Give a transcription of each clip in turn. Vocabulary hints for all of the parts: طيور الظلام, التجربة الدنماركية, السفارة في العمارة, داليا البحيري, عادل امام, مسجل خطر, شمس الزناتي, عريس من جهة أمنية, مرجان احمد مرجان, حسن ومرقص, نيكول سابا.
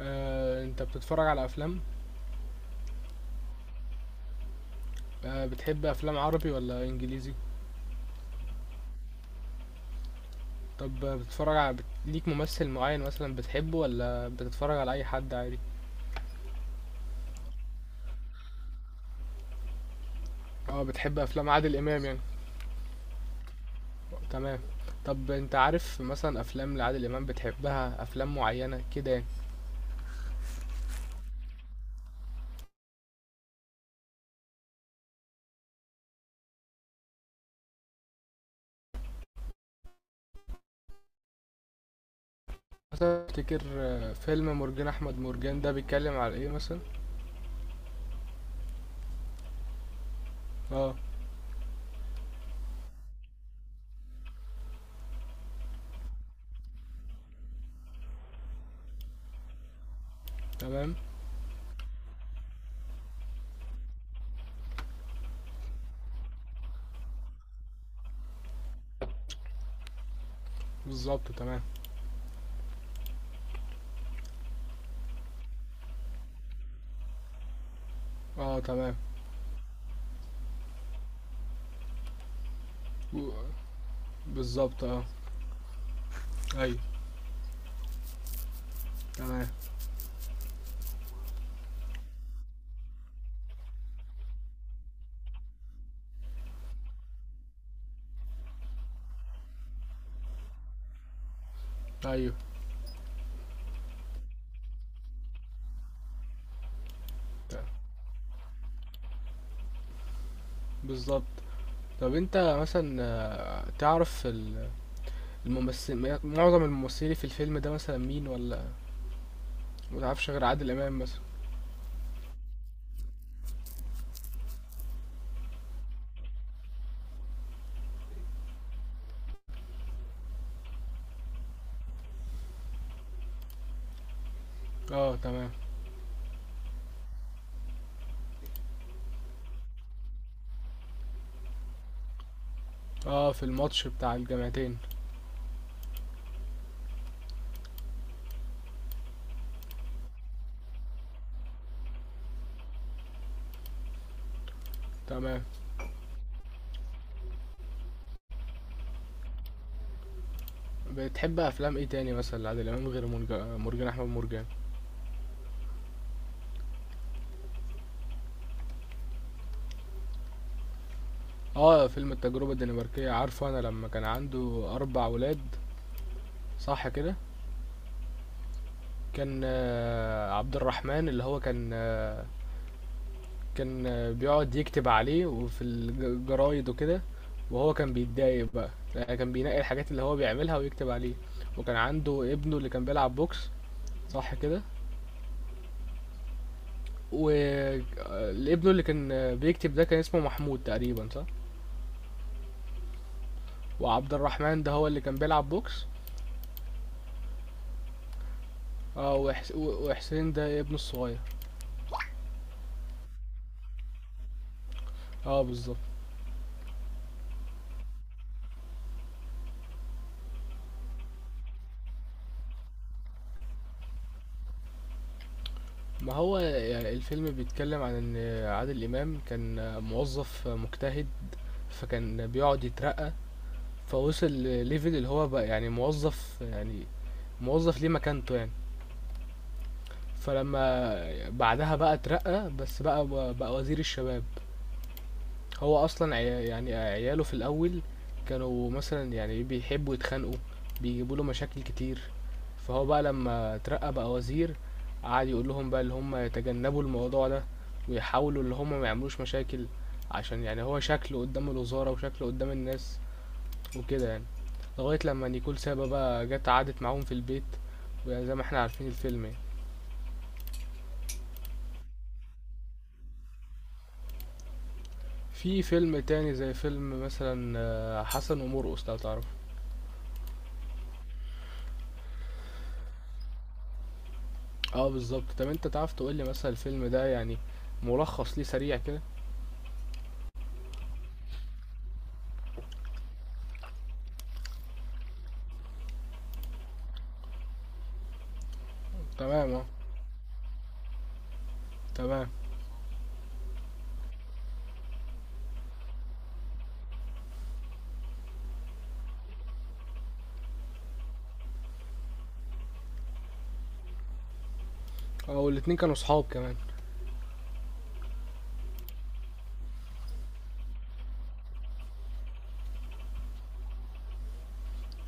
انت بتتفرج على افلام بتحب افلام عربي ولا انجليزي؟ طب بتتفرج على ليك ممثل معين مثلا بتحبه ولا بتتفرج على اي حد عادي؟ اه بتحب افلام عادل امام يعني. تمام. طب انت عارف مثلا افلام لعادل امام بتحبها افلام معينة كده يعني؟ مثلا تفتكر فيلم مرجان احمد مرجان ده بيتكلم على ايه مثلا؟ اه. تمام. بالظبط. تمام. اه. تمام و- بالظبط. اه. ايوه. تمام. ايوه. ت- بالظبط. طب انت مثلا تعرف الممثل؟ معظم الممثلين في الفيلم ده مثلا مين؟ ولا متعرفش غير عادل امام مثلا؟ اه تمام. اه في الماتش بتاع الجامعتين. تمام. بتحب افلام ايه تاني مثلا لعادل امام غير مرجان احمد مرجان؟ اه فيلم التجربه الدنماركيه عارفه. انا لما كان عنده اربع ولاد. صح كده؟ كان عبد الرحمن اللي هو كان كان بيقعد يكتب عليه وفي الجرايد وكده، وهو كان بيتضايق بقى. يعني كان بينقي الحاجات اللي هو بيعملها ويكتب عليه. وكان عنده ابنه اللي كان بيلعب بوكس. صح كده؟ وابنه اللي كان بيكتب ده كان اسمه محمود تقريبا. صح؟ وعبد الرحمن ده هو اللي كان بيلعب بوكس. اه وحسين ده ابنه الصغير. اه بالظبط. ما هو يعني الفيلم بيتكلم عن ان عادل امام كان موظف مجتهد. فكان بيقعد يترقى. فوصل لليفل اللي هو بقى يعني موظف يعني موظف ليه مكانته يعني. فلما بعدها بقى اترقى بس بقى بقى وزير الشباب. هو اصلا يعني عياله في الاول كانوا مثلا يعني بيحبوا يتخانقوا، بيجيبوا له مشاكل كتير. فهو بقى لما اترقى بقى وزير قعد يقول لهم بقى اللي هم يتجنبوا الموضوع ده، ويحاولوا اللي هم ما يعملوش مشاكل، عشان يعني هو شكله قدام الوزارة وشكله قدام الناس وكده يعني. لغاية لما نيكول سابا بقى جت قعدت معاهم في البيت، وزي ما احنا عارفين الفيلم يعني. في فيلم تاني زي فيلم مثلا حسن ومرقص لو تعرف. اه بالظبط. طب انت تعرف تقول لي مثلا الفيلم ده يعني ملخص ليه سريع كده؟ تمام اه. تمام. اه والاتنين كانوا صحاب كمان.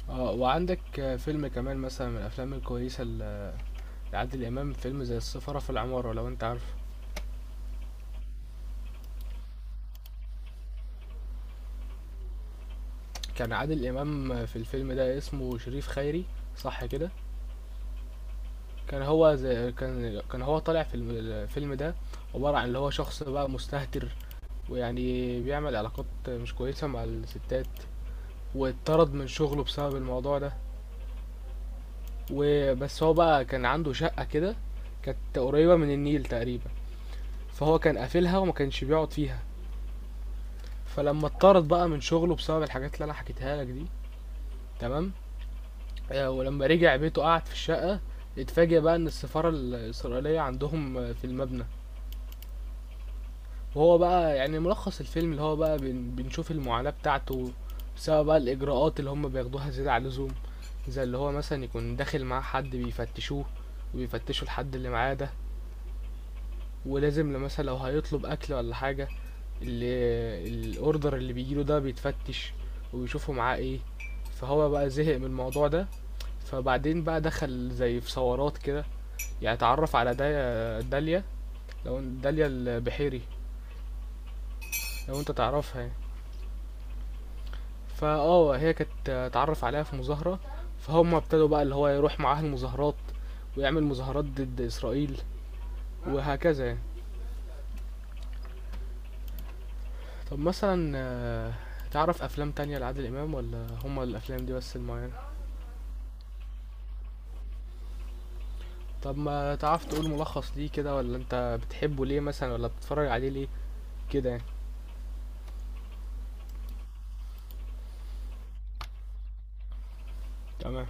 اه وعندك فيلم كمان مثلا من الافلام الكويسه لعادل امام فيلم زي السفاره في العماره لو انت عارف. كان عادل امام في الفيلم ده اسمه شريف خيري. صح كده؟ كان هو زي كان هو طالع في الفيلم ده عبارة عن اللي هو شخص بقى مستهتر، ويعني بيعمل علاقات مش كويسة مع الستات. واتطرد من شغله بسبب الموضوع ده. وبس هو بقى كان عنده شقة كده، كانت قريبة من النيل تقريبا. فهو كان قافلها وما كانش بيقعد فيها. فلما اتطرد بقى من شغله بسبب الحاجات اللي انا حكيتها لك دي. تمام. آه، ولما رجع بيته قعد في الشقة. اتفاجئ بقى ان السفارة الإسرائيلية عندهم في المبنى. وهو بقى يعني ملخص الفيلم اللي هو بقى بنشوف المعاناة بتاعته بسبب بقى الإجراءات اللي هم بياخدوها زيادة عن اللزوم. زي اللي هو مثلا يكون داخل معاه حد بيفتشوه، وبيفتشوا الحد اللي معاه ده. ولازم لو مثلا لو هيطلب أكل ولا حاجة، اللي الأوردر اللي بيجيله ده بيتفتش وبيشوفوا معاه ايه. فهو بقى زهق من الموضوع ده. فبعدين بقى دخل زي في ثورات كده. يعني اتعرف على داليا، لو داليا البحيري لو انت تعرفها يعني. فاه هي كانت اتعرف عليها في مظاهرة. فهم ابتدوا بقى اللي هو يروح معاها المظاهرات ويعمل مظاهرات ضد إسرائيل وهكذا يعني. طب مثلا تعرف أفلام تانية لعادل إمام ولا هما الأفلام دي بس المعينة؟ طب ما تعرف تقول ملخص ليه كده ولا أنت بتحبه ليه مثلا ولا بتتفرج عليه ليه كده يعني؟ تمام.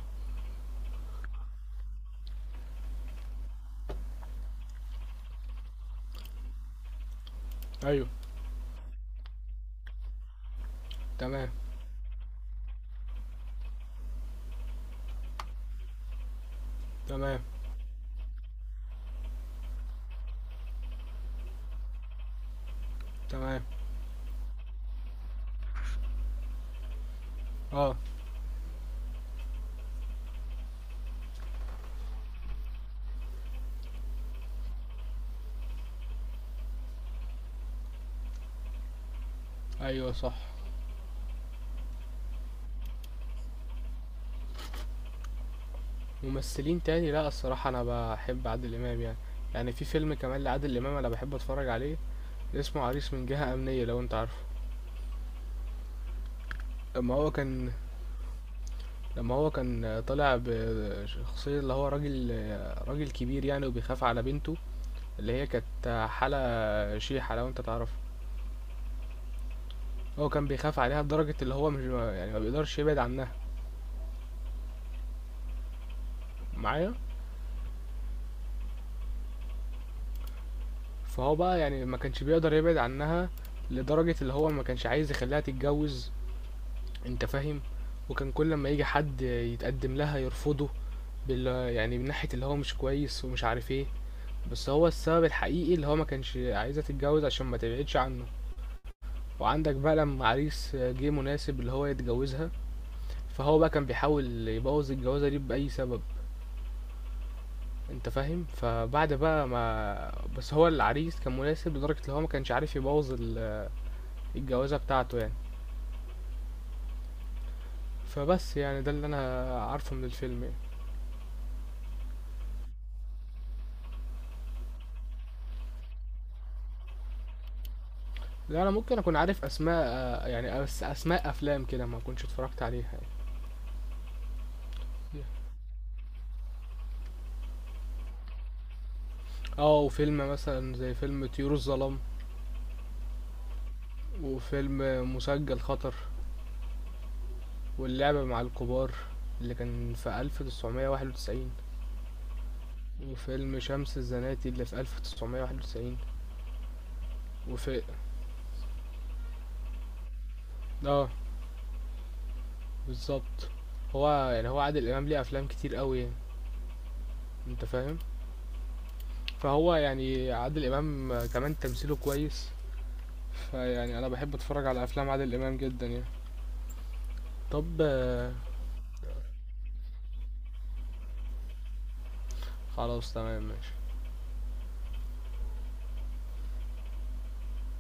أيوه. تمام. تمام. تمام. اه. أيوه صح. ممثلين تاني لا الصراحة أنا بحب عادل إمام يعني. يعني في فيلم كمان لعادل إمام أنا بحب أتفرج عليه اسمه عريس من جهة أمنية لو أنت عارفه. لما هو كان لما هو كان طالع بشخصية اللي هو راجل كبير يعني، وبيخاف على بنته اللي هي كانت حالة شيحة لو أنت تعرفه. هو كان بيخاف عليها لدرجة اللي هو مش يعني ما بيقدرش يبعد عنها معايا. فهو بقى يعني ما كانش بيقدر يبعد عنها لدرجة اللي هو ما كانش عايز يخليها تتجوز. أنت فاهم. وكان كل لما يجي حد يتقدم لها يرفضه بال يعني من ناحية اللي هو مش كويس ومش عارف ايه. بس هو السبب الحقيقي اللي هو ما كانش عايزة تتجوز عشان ما تبعدش عنه. وعندك بقى لما عريس جه مناسب اللي هو يتجوزها، فهو بقى كان بيحاول يبوظ الجوازة دي بأي سبب. انت فاهم. فبعد بقى ما بس هو العريس كان مناسب لدرجة اللي هو ما كانش عارف يبوظ الجوازة بتاعته يعني. فبس يعني ده اللي انا عارفه من الفيلم يعني. لا انا ممكن اكون عارف اسماء، يعني اسماء افلام كده ما كنتش اتفرجت عليها يعني. اه وفيلم مثلا زي فيلم طيور الظلام، وفيلم مسجل خطر، واللعبة مع الكبار اللي كان في 1991، وفيلم شمس الزناتي اللي في 1991، وفي اه بالظبط. هو يعني هو عادل امام ليه افلام كتير قوي يعني. انت فاهم. فهو يعني عادل امام كمان تمثيله كويس. فيعني انا بحب اتفرج على افلام عادل امام جدا يعني. طب خلاص تمام ماشي.